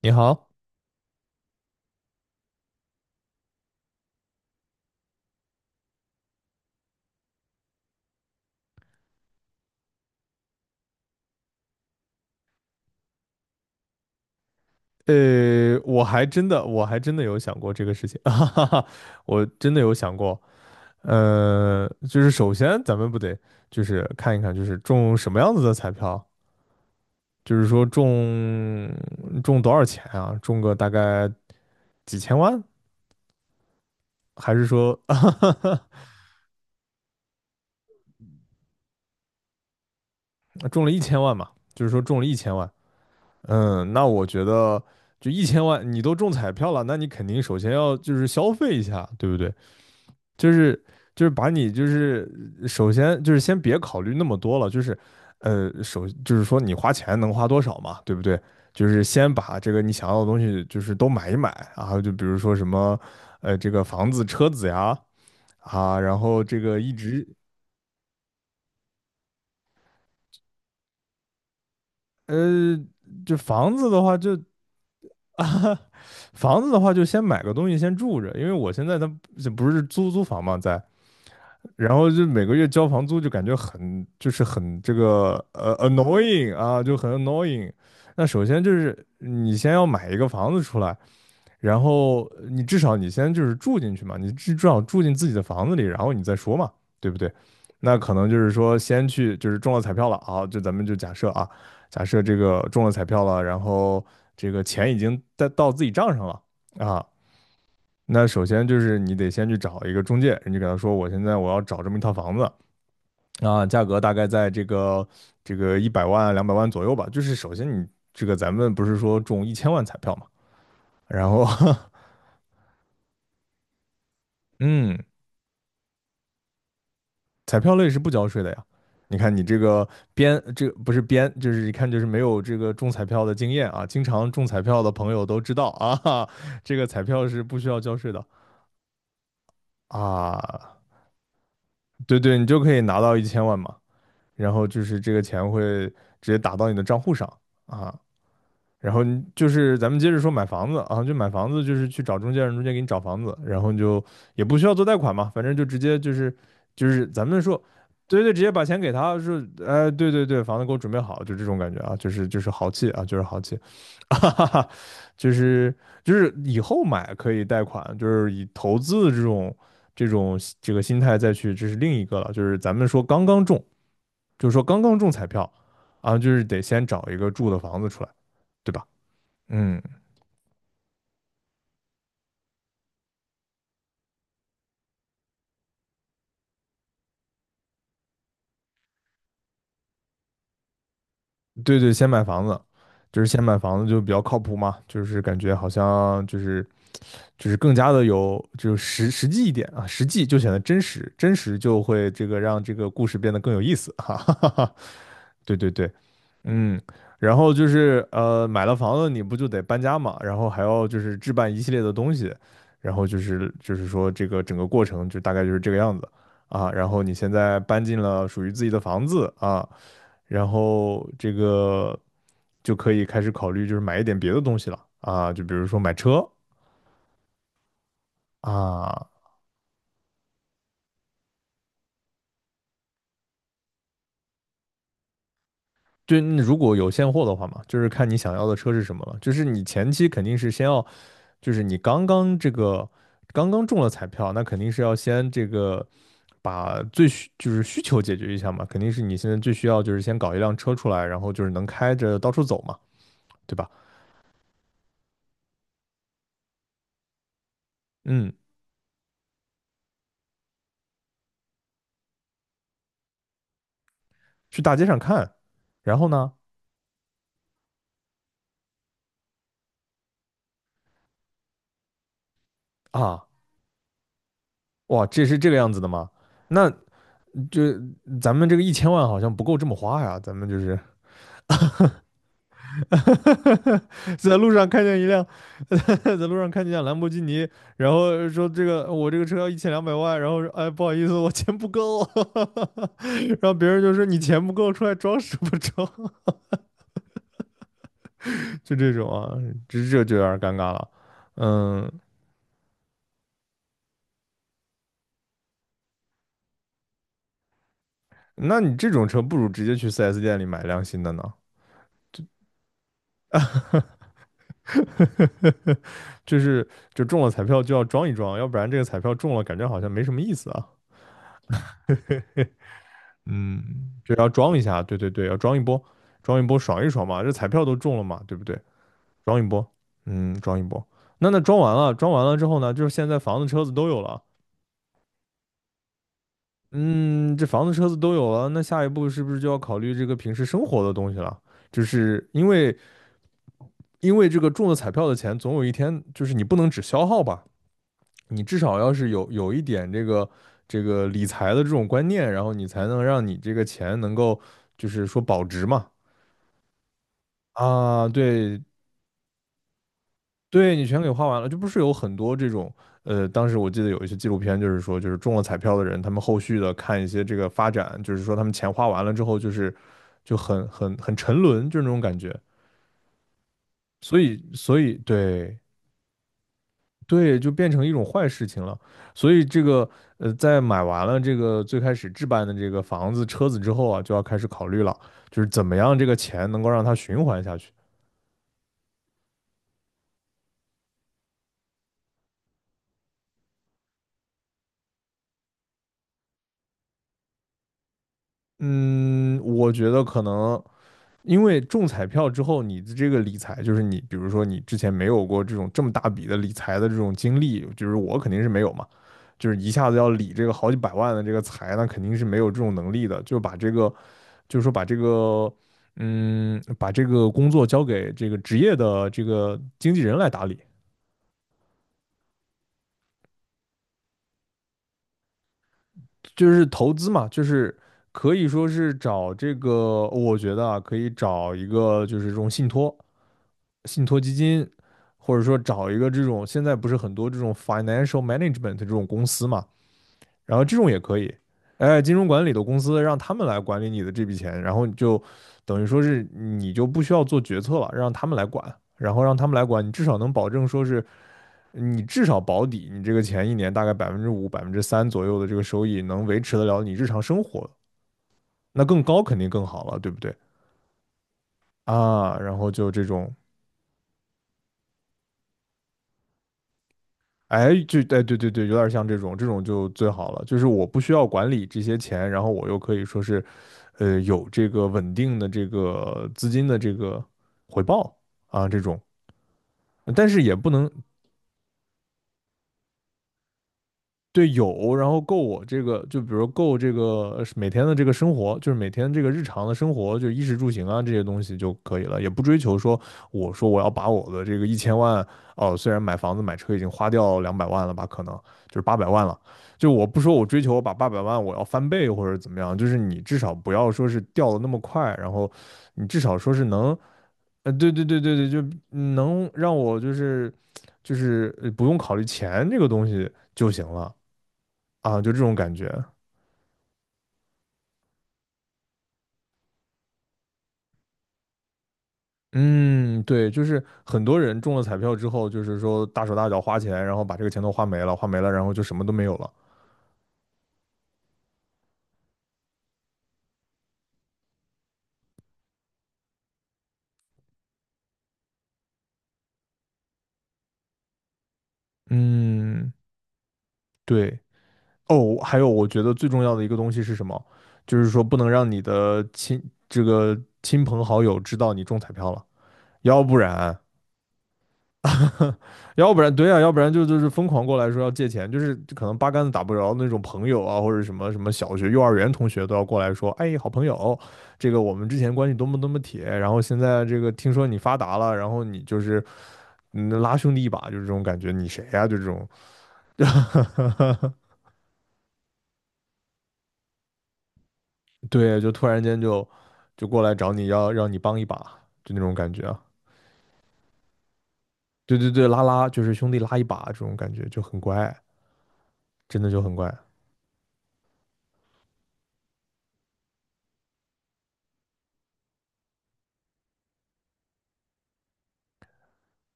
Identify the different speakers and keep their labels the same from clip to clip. Speaker 1: 你好，我还真的有想过这个事情，哈哈哈，我真的有想过，就是首先咱们不得就是看一看，就是中什么样子的彩票，就是说中多少钱啊？中个大概几千万，还是说 中了1000万嘛？就是说中了一千万，嗯，那我觉得就一千万，你都中彩票了，那你肯定首先要就是消费一下，对不对？就是就是把你就是首先就是先别考虑那么多了，就是就是说你花钱能花多少嘛，对不对？就是先把这个你想要的东西就是都买一买啊，就比如说什么这个房子、车子呀啊，然后这个一直呃就房子的话就 啊。房子的话，就先买个东西先住着，因为我现在它不是租房嘛，在，然后就每个月交房租就感觉很就是很这个annoying 啊，就很 annoying。那首先就是你先要买一个房子出来，然后你至少你先就是住进去嘛，你至少住进自己的房子里，然后你再说嘛，对不对？那可能就是说先去就是中了彩票了啊，就咱们就假设啊，假设这个中了彩票了，然后这个钱已经在到自己账上了。啊，那首先就是你得先去找一个中介，你就给他说，我现在我要找这么一套房子啊，价格大概在这个100万两百万左右吧。就是首先你这个咱们不是说中一千万彩票嘛，然后 嗯，彩票类是不交税的呀。你看你这个编，这个不是编，就是一看就是没有这个中彩票的经验啊。经常中彩票的朋友都知道啊，这个彩票是不需要交税的啊。对对，你就可以拿到一千万嘛。然后就是这个钱会直接打到你的账户上啊。然后你就是咱们接着说买房子啊，就买房子就是去找中介，让中介给你找房子，然后你就也不需要做贷款嘛，反正就直接就是咱们说，对对，直接把钱给他说，哎，对对对，房子给我准备好，就这种感觉啊，就是豪气啊，就是豪气，哈哈哈，就是就是以后买可以贷款，就是以投资的这种这个心态再去，这是另一个了，就是咱们说刚刚中。就是说刚刚中彩票啊，就是得先找一个住的房子出来，对吧？嗯，对对，先买房子，就是先买房子就比较靠谱嘛，就是感觉好像就是更加的有就是实际一点啊，实际就显得真实，真实就会这个让这个故事变得更有意思，哈哈哈哈。对对对，嗯，然后买了房子你不就得搬家嘛，然后还要就是置办一系列的东西，然后就是说这个整个过程就大概就是这个样子啊。然后你现在搬进了属于自己的房子啊，然后这个就可以开始考虑就是买一点别的东西了啊，就比如说买车啊，就你如果有现货的话嘛，就是看你想要的车是什么了，就是你前期肯定是先要。就是你刚刚这个刚刚中了彩票，那肯定是要先这个把就是需求解决一下嘛，肯定是你现在最需要就是先搞一辆车出来，然后就是能开着到处走嘛，对吧？嗯，去大街上看，然后呢，啊，哇，这是这个样子的吗？那就咱们这个一千万好像不够这么花呀，咱们就是 在路上看见一辆，在路上看见一辆兰博基尼，然后说这个我这个车要1200万，然后说哎不好意思我钱不够，然后别人就说你钱不够出来装什么装，就这种啊，这就有点尴尬了。嗯，那你这种车不如直接去四 s 店里买辆新的呢，就是就中了彩票就要装一装，要不然这个彩票中了感觉好像没什么意思啊。嗯，就要装一下，对对对，要装一波，装一波爽一爽嘛，这彩票都中了嘛，对不对？装一波，嗯，装一波。那装完了，装完了之后呢，就是现在房子、车子都有了，嗯，这房子、车子都有了，那下一步是不是就要考虑这个平时生活的东西了？就是因为这个中了彩票的钱，总有一天就是你不能只消耗吧，你至少要是有一点这个这个理财的这种观念，然后你才能让你这个钱能够就是说保值嘛。啊，对对，你全给花完了，就不是有很多这种，当时我记得有一些纪录片，就是说，就是中了彩票的人，他们后续的看一些这个发展，就是说他们钱花完了之后，就是就很沉沦，就是那种感觉，所以对对，就变成一种坏事情了，所以这个在买完了这个最开始置办的这个房子、车子之后啊，就要开始考虑了，就是怎么样这个钱能够让它循环下去。嗯，我觉得可能。因为中彩票之后，你的这个理财，就是你比如说你之前没有过这种这么大笔的理财的这种经历，就是我肯定是没有嘛，就是一下子要理这个好几百万的这个财，那肯定是没有这种能力的，就把这个就是说把这个把这个工作交给这个职业的这个经纪人来打理，就是投资嘛，就是可以说是找这个，我觉得啊，可以找一个就是这种信托。信托基金，或者说找一个这种现在不是很多这种 financial management 这种公司嘛，然后这种也可以，哎，金融管理的公司让他们来管理你的这笔钱，然后你就等于说是你就不需要做决策了，让他们来管，然后让他们来管，你至少能保证说是你至少保底，你这个钱一年大概5%、3%左右的这个收益能维持得了你日常生活，那更高肯定更好了，对不对？啊，然后就这种。哎，对对对，有点像这种，这种就最好了。就是我不需要管理这些钱，然后我又可以说是，有这个稳定的这个资金的这个回报啊，这种。但是也不能，对有，然后够我这个，就比如够这个每天的这个生活，就是每天这个日常的生活，就衣食住行啊这些东西就可以了，也不追求说我说我要把我的这个一千万哦，虽然买房子买车已经花掉两百万了吧，可能就是八百万了，就我不说我追求我把八百万我要翻倍或者怎么样，就是你至少不要说是掉的那么快，然后你至少说是能，对对对对对，就能让我就是不用考虑钱这个东西就行了。啊，就这种感觉。嗯，对，就是很多人中了彩票之后，就是说大手大脚花钱，然后把这个钱都花没了，花没了，然后就什么都没有了。嗯，对。哦，还有我觉得最重要的一个东西是什么？就是说不能让你的这个亲朋好友知道你中彩票了，要不然 要不然对啊，要不然就是疯狂过来说要借钱，就是可能八竿子打不着那种朋友啊，或者什么什么小学、幼儿园同学都要过来说，哎，好朋友，这个我们之前关系多么多么铁，然后现在这个听说你发达了，然后你就是拉兄弟一把，就是这种感觉，你谁呀、啊就这种 对，就突然间就过来找你要让你帮一把，就那种感觉啊，对对对，拉就是兄弟拉一把这种感觉就很乖，真的就很乖。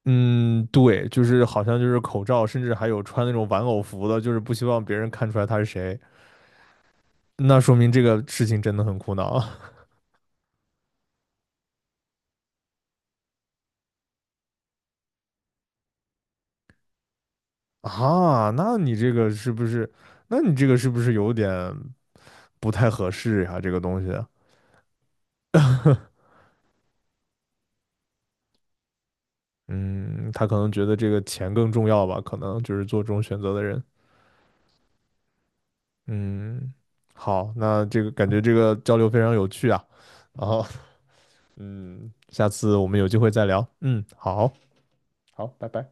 Speaker 1: 嗯，对，就是好像就是口罩，甚至还有穿那种玩偶服的，就是不希望别人看出来他是谁。那说明这个事情真的很苦恼 啊。那你这个是不是有点不太合适呀、这个东西，嗯，他可能觉得这个钱更重要吧，可能就是做这种选择的人。嗯，好，那这个感觉这个交流非常有趣啊。然后，嗯，下次我们有机会再聊。嗯，好，好，拜拜。